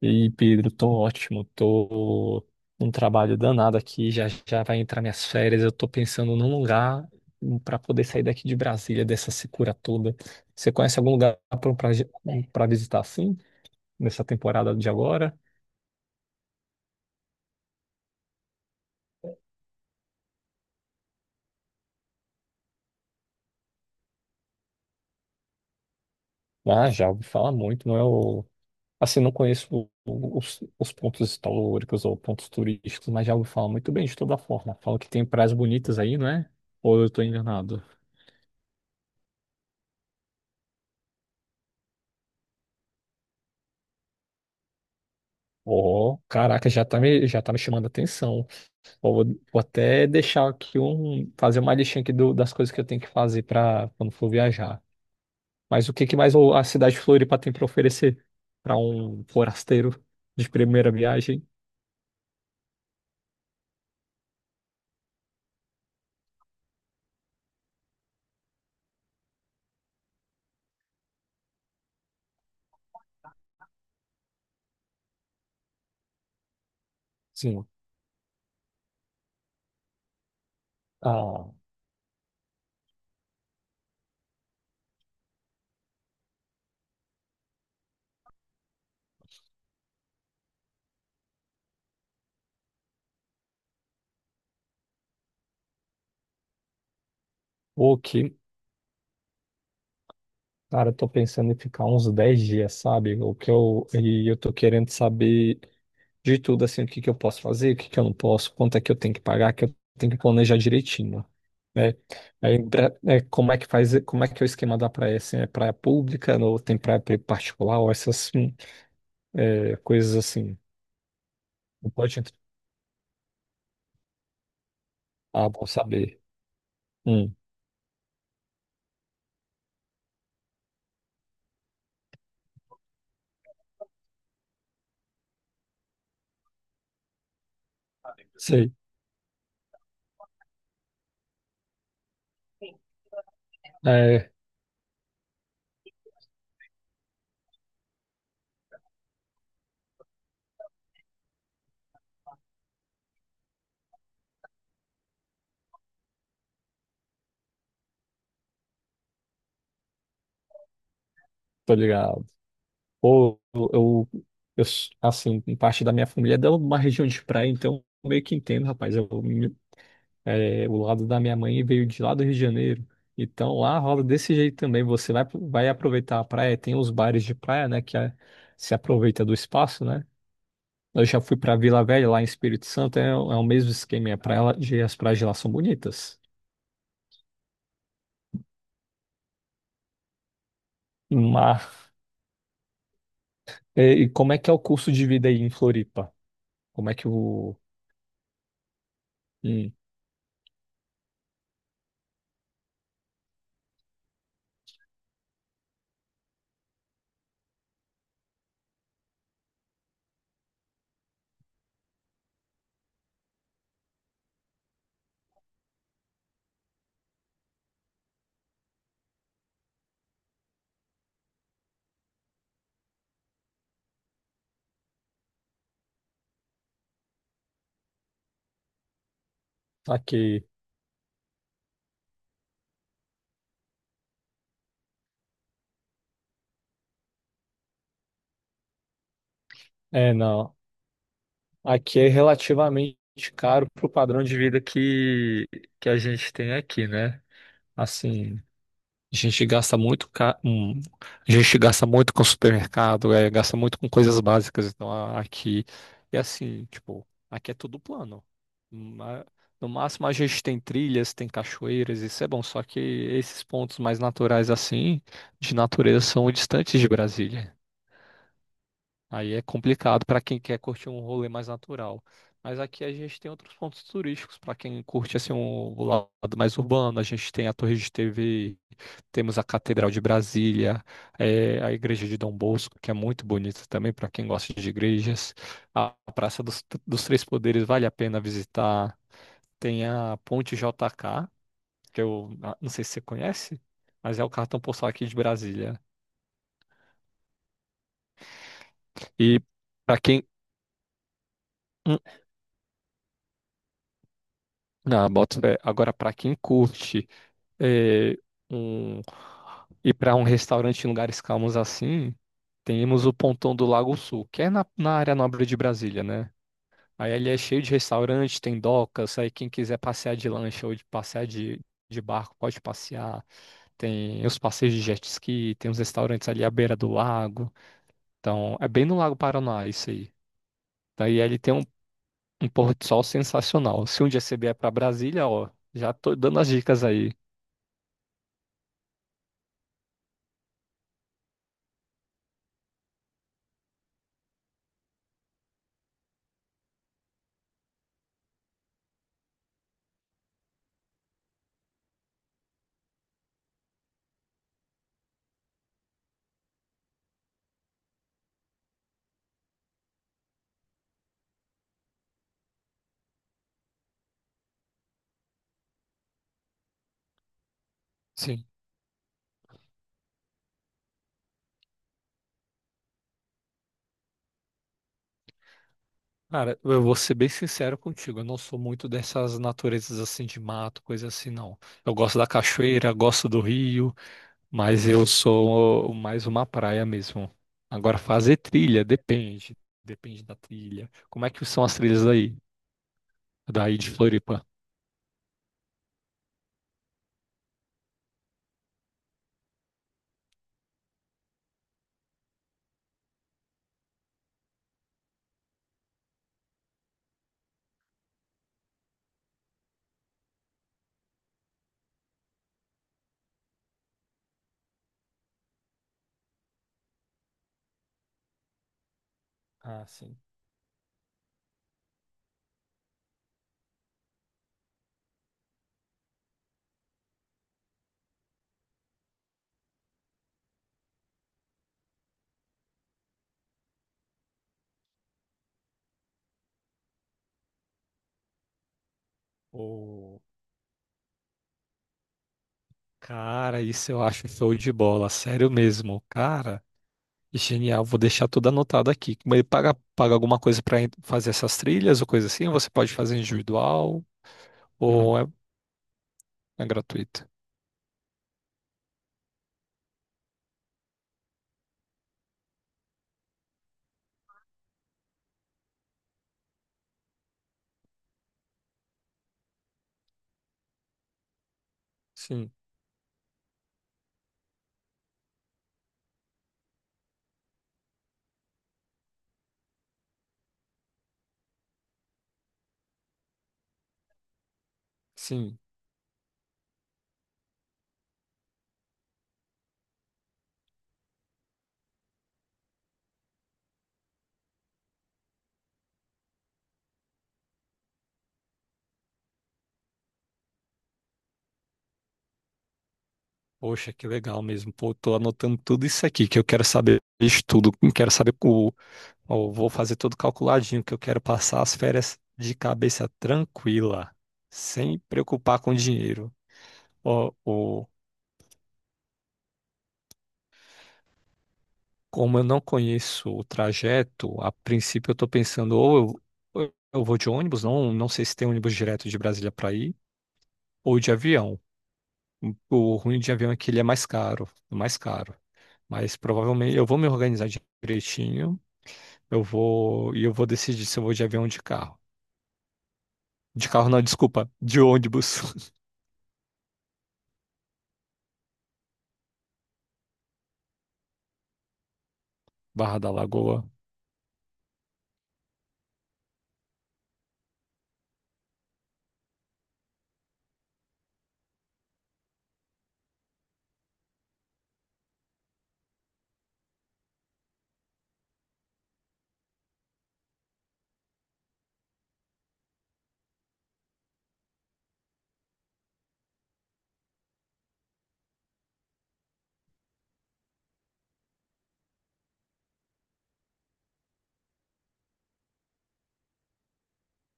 E aí, Pedro, tô ótimo, tô num trabalho danado aqui, já já vai entrar minhas férias, eu tô pensando num lugar para poder sair daqui de Brasília, dessa secura toda. Você conhece algum lugar para visitar assim, nessa temporada de agora? Ah, já ouvi falar muito, não é o... Assim, não conheço os pontos históricos ou pontos turísticos, mas já ouvi falar muito bem de toda forma. Falam que tem praias bonitas aí, não é? Ou eu tô enganado? Oh, caraca, já tá me chamando a atenção. Pô, vou até deixar aqui um, fazer uma listinha aqui das coisas que eu tenho que fazer para quando for viajar. Mas o que que mais a cidade de Floripa tem para oferecer para um forasteiro de primeira viagem? Sim. Ah, o que, cara, eu tô pensando em ficar uns 10 dias, sabe? O que eu tô querendo saber de tudo, assim, o que que eu posso fazer, o que que eu não posso, quanto é que eu tenho que pagar, que eu tenho que planejar direitinho, né? Aí, é, como é que faz, como é que é o esquema da praia, assim, é praia pública, ou tem praia particular, ou essas, é, coisas assim, não pode entrar. Ah, bom saber. Hum, sei. É, tô ligado. Ou eu, assim, parte da minha família é de uma região de praia, então eu meio que entendo, rapaz, eu É, o lado da minha mãe veio de lá do Rio de Janeiro. Então lá rola desse jeito também. Você vai, vai aproveitar a praia, tem os bares de praia, né? Se aproveita do espaço, né? Eu já fui para Vila Velha, lá em Espírito Santo, é, é o mesmo esquema. E as praias de lá são bonitas. Mas, é, e como é que é o custo de vida aí em Floripa? Como é que o. Hum, aqui. É, não. Aqui é relativamente caro pro padrão de vida que a gente tem aqui, né? Assim. A gente gasta muito, ca- hum, a gente gasta muito com supermercado, é, gasta muito com coisas básicas. Então aqui é assim, tipo, aqui é tudo plano. Ma- No máximo a gente tem trilhas, tem cachoeiras, isso é bom. Só que esses pontos mais naturais assim, de natureza, são distantes de Brasília. Aí é complicado para quem quer curtir um rolê mais natural. Mas aqui a gente tem outros pontos turísticos para quem curte assim um o lado mais urbano. A gente tem a Torre de TV, temos a Catedral de Brasília, a Igreja de Dom Bosco, que é muito bonita também para quem gosta de igrejas. A Praça dos Três Poderes vale a pena visitar. Tem a Ponte JK, que eu não sei se você conhece, mas é o cartão postal aqui de Brasília. E para quem Na boto fé. Agora, para quem curte é, um, ir para um restaurante em lugares calmos assim, temos o Pontão do Lago Sul, que é na área nobre de Brasília, né? Aí ele é cheio de restaurante, tem docas, aí quem quiser passear de lancha ou de barco pode passear. Tem os passeios de jet ski, tem os restaurantes ali à beira do lago. Então, é bem no Lago Paranoá isso aí. Daí ele tem um pôr de sol sensacional. Se um dia você vier pra Brasília, ó, já tô dando as dicas aí. Sim. Cara, eu vou ser bem sincero contigo, eu não sou muito dessas naturezas assim de mato, coisa assim, não. Eu gosto da cachoeira, gosto do rio, mas eu sou mais uma praia mesmo. Agora, fazer trilha, depende. Depende da trilha. Como é que são as trilhas aí, daí de Floripa? Ah, sim. Ô, cara, isso eu acho show de bola, sério mesmo. Cara, Genial, vou deixar tudo anotado aqui. Mas ele paga alguma coisa para fazer essas trilhas ou coisa assim? Ou você pode fazer individual ou é gratuito? Sim, sim. Poxa, que legal mesmo. Pô, tô anotando tudo isso aqui que eu quero saber de tudo. Eu Quero saber ó, vou fazer tudo calculadinho que eu quero passar as férias de cabeça tranquila, sem preocupar com dinheiro. Ó, Como eu não conheço o trajeto, a princípio eu estou pensando ou eu vou de ônibus, não sei se tem ônibus direto de Brasília para ir, ou de avião. O ruim de avião é que ele é mais caro, mais caro. Mas provavelmente eu vou me organizar direitinho, eu vou decidir se eu vou de avião ou de carro. De carro não, desculpa, de ônibus. Barra da Lagoa.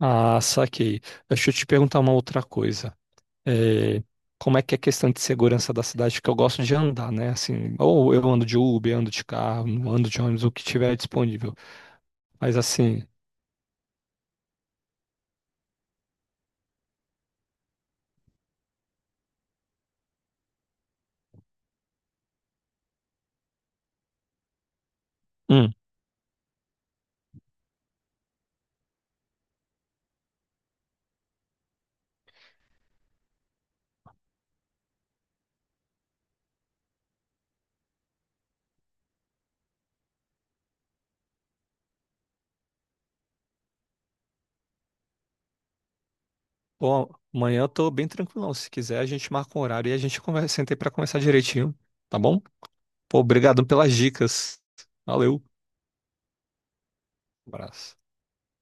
Ah, saquei. Deixa eu te perguntar uma outra coisa. É, como é que é a questão de segurança da cidade, que eu gosto de andar, né? Assim, ou eu ando de Uber, ando de carro, ando de ônibus, o que tiver disponível. Mas assim, hum, bom, amanhã eu tô bem tranquilão. Se quiser, a gente marca um horário e a gente conversa, senta aí pra conversar direitinho, tá bom? Pô, obrigado pelas dicas. Valeu. Abraço.